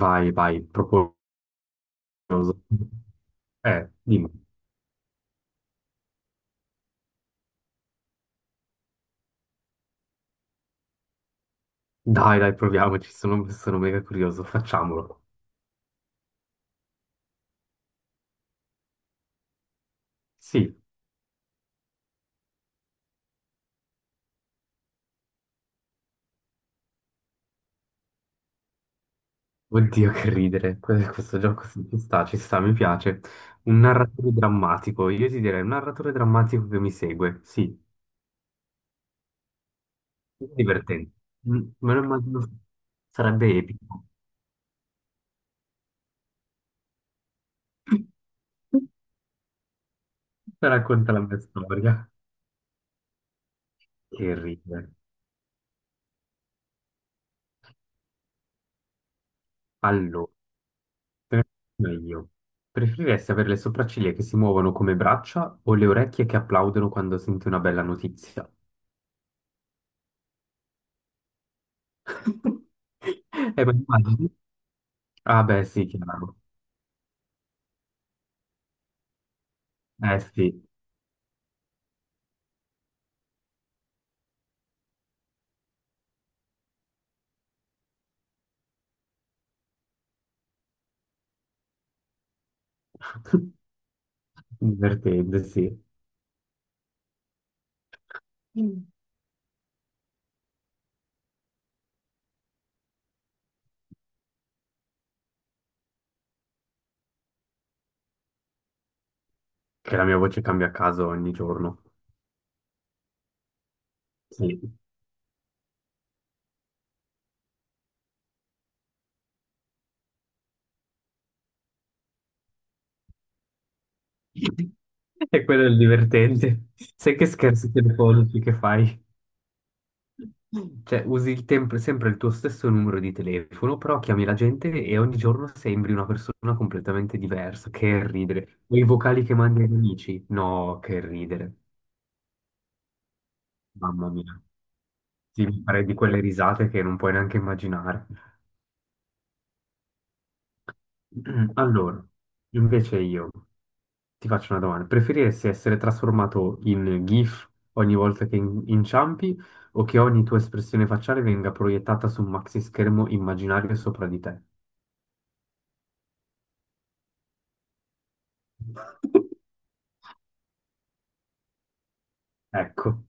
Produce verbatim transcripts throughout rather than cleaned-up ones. Vai, vai, proprio curioso. Eh, dimmi. Dai, dai, proviamoci, sono, sono mega curioso, facciamolo. Sì, oddio che ridere, que- questo gioco ci sta, ci sta, mi piace. Un narratore drammatico, io ti direi un narratore drammatico che mi segue, sì, divertente. Mm, Me lo immagino, sarebbe epico. Racconta la mia storia. Che ridere. Allora. Per- Meglio. Preferiresti avere le sopracciglia che si muovono come braccia o le orecchie che applaudono quando senti una bella notizia? Eh, ma immagini? Ah, beh, sì, chiaro. Eh, sì. Divertente, sì. Mm. Che la mia voce cambia a caso ogni giorno. Sì. E quello è il divertente. Sai che scherzi telefonici che fai? Cioè, usi il temp- sempre il tuo stesso numero di telefono, però chiami la gente e ogni giorno sembri una persona completamente diversa. Che ridere. O i vocali che mandi agli amici? No, che ridere. Mamma mia. Sì, mi farei di quelle risate che non puoi neanche immaginare. Allora, invece io ti faccio una domanda. Preferiresti essere trasformato in GIF ogni volta che in- inciampi o che ogni tua espressione facciale venga proiettata su un maxi schermo immaginario sopra di te? Ecco,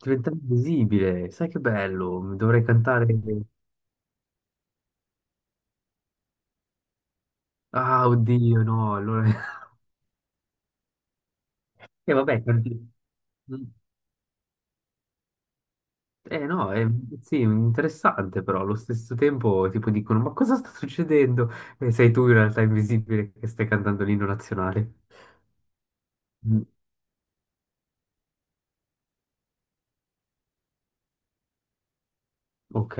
diventare invisibile, sai che bello, mi dovrei cantare. Ah, oddio, no, allora... E vabbè, canti- Eh no, è... sì, interessante però, allo stesso tempo tipo dicono, ma cosa sta succedendo? E sei tu in realtà invisibile che stai cantando l'inno nazionale. Mm, Ok,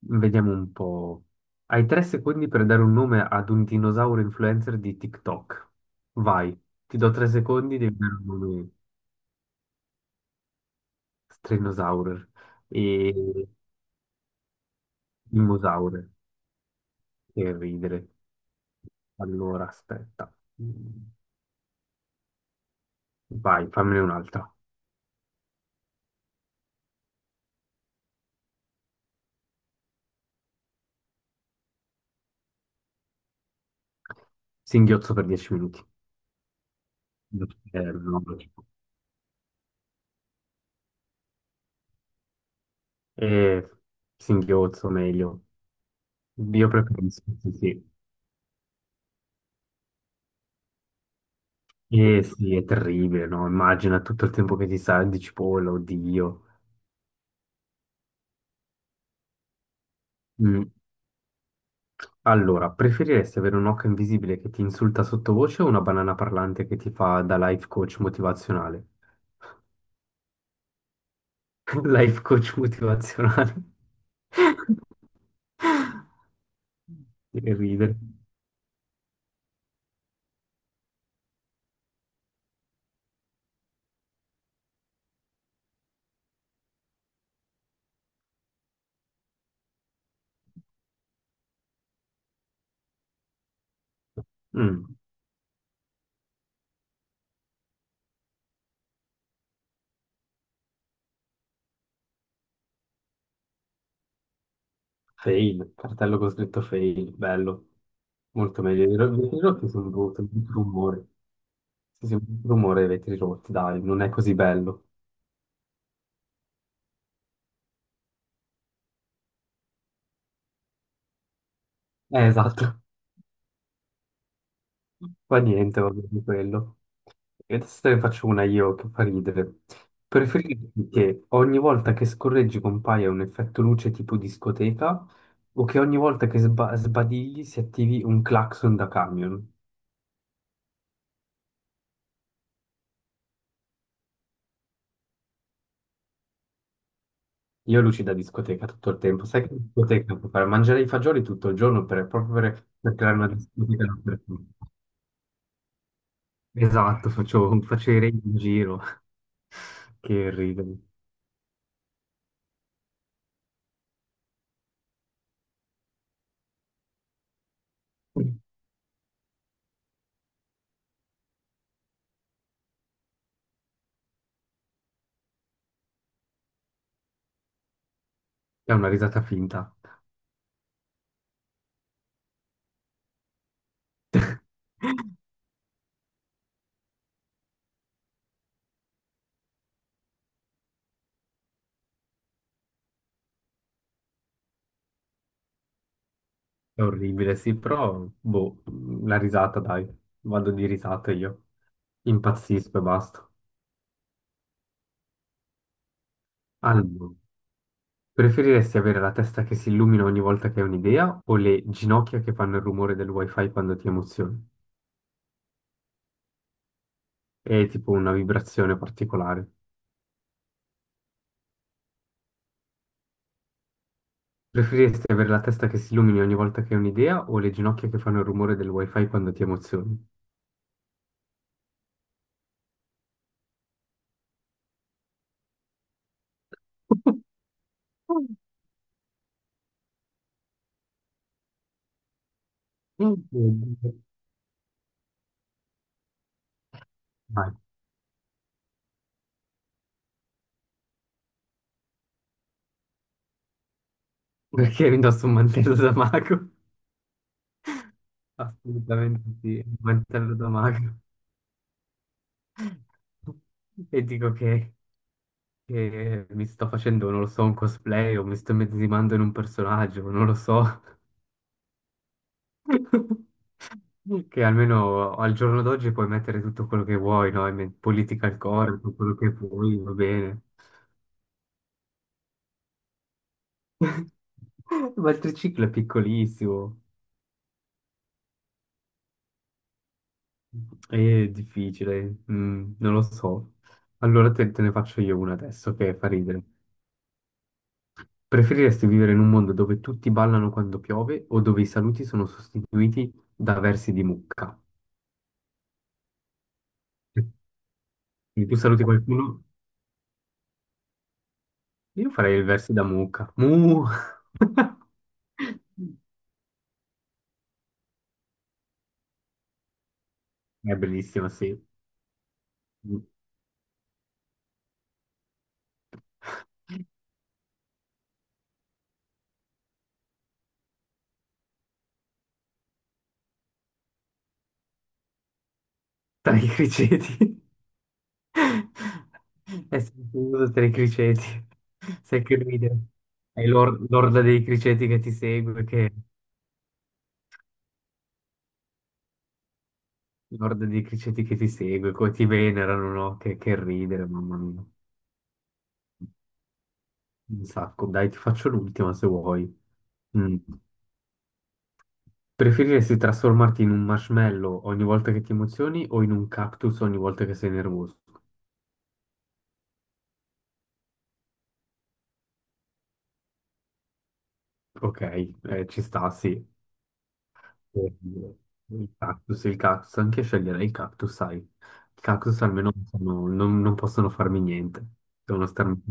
vediamo un po'. Hai tre secondi per dare un nome ad un dinosauro influencer di TikTok. Vai, ti do tre secondi, devi dare un nome. Strenosaurer. Dinosaure. Che ridere. Allora, aspetta. Mm. Vai, fammene un'altra. Singhiozzo per dieci minuti. Eh, no, non lo dico. Eh, singhiozzo, meglio. Io preferisco, sì, sì. Eh sì, è terribile, no? Immagina tutto il tempo che ti sa di cipolla, oddio. Mm. Allora, preferiresti avere un occhio invisibile che ti insulta sottovoce o una banana parlante che ti fa da life coach motivazionale? Life coach motivazionale. Che ridere. Mm, Fail, cartello con scritto fail, bello. Molto meglio. I ro- i vetri rotti sono brutto, brutto rumore. Sì, sì, brutto rumore i vetri rotti, dai, non è così bello. Eh, esatto. Fa niente, va bene quello. E adesso te ne faccio una io che fa ridere. Preferiresti che ogni volta che scorreggi compaia un effetto luce tipo discoteca o che ogni volta che sba- sbadigli si attivi un clacson da camion? Io luci da discoteca tutto il tempo. Sai che in discoteca puoi fare? Mangiare i fagioli tutto il giorno per, proprio per, per creare una discoteca dappertutto. Esatto, faccio, faccio i re in giro. Che ridere. È una risata finta. È orribile, sì, però boh, la risata, dai, vado di risata io. Impazzisco e basta. Allora, preferiresti avere la testa che si illumina ogni volta che hai un'idea o le ginocchia che fanno il rumore del wifi quando ti emozioni? È tipo una vibrazione particolare. Preferiresti avere la testa che si illumini ogni volta che hai un'idea o le ginocchia che fanno il rumore del wifi quando ti emozioni? Oddio. Vai. Perché mi indosso un mantello da mago? Assolutamente sì, un mantello da mago. E dico che, che mi sto facendo, non lo so, un cosplay o mi sto immedesimando in un personaggio, non lo so. Che almeno al giorno d'oggi puoi mettere tutto quello che vuoi, no? E me- Political corpo, quello che vuoi, va bene. Ma il triciclo è piccolissimo, è difficile, mm, non lo so. Allora te, te ne faccio io una adesso che fa ridere. Preferiresti vivere in un mondo dove tutti ballano quando piove o dove i saluti sono sostituiti da versi di mucca? Quindi, tu saluti qualcuno? Io farei il verso da mucca. Mu! È bellissimo, sì. Tra i criceti. È sentito tra i criceti. Sai che ridere. È l'or- l'orda dei criceti che ti segue, che... L'orda dei criceti che ti segue, come ti venerano, no? Che, che ridere, mamma mia. Un sacco, dai, ti faccio l'ultima se vuoi. Mm. Preferiresti trasformarti in un marshmallow ogni volta che ti emozioni o in un cactus ogni volta che sei nervoso? Ok, eh, ci sta, sì. Eh, il cactus, il cactus, anche sceglierei il cactus, sai. Il cactus almeno sono- non, non possono farmi niente, devono starmi...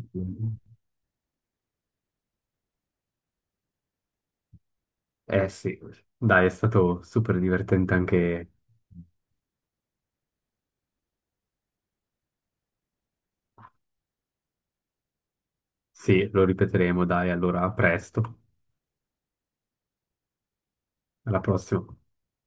Eh sì, dai, è stato super divertente anche... Sì, lo ripeteremo, dai, allora a presto, alla prossima.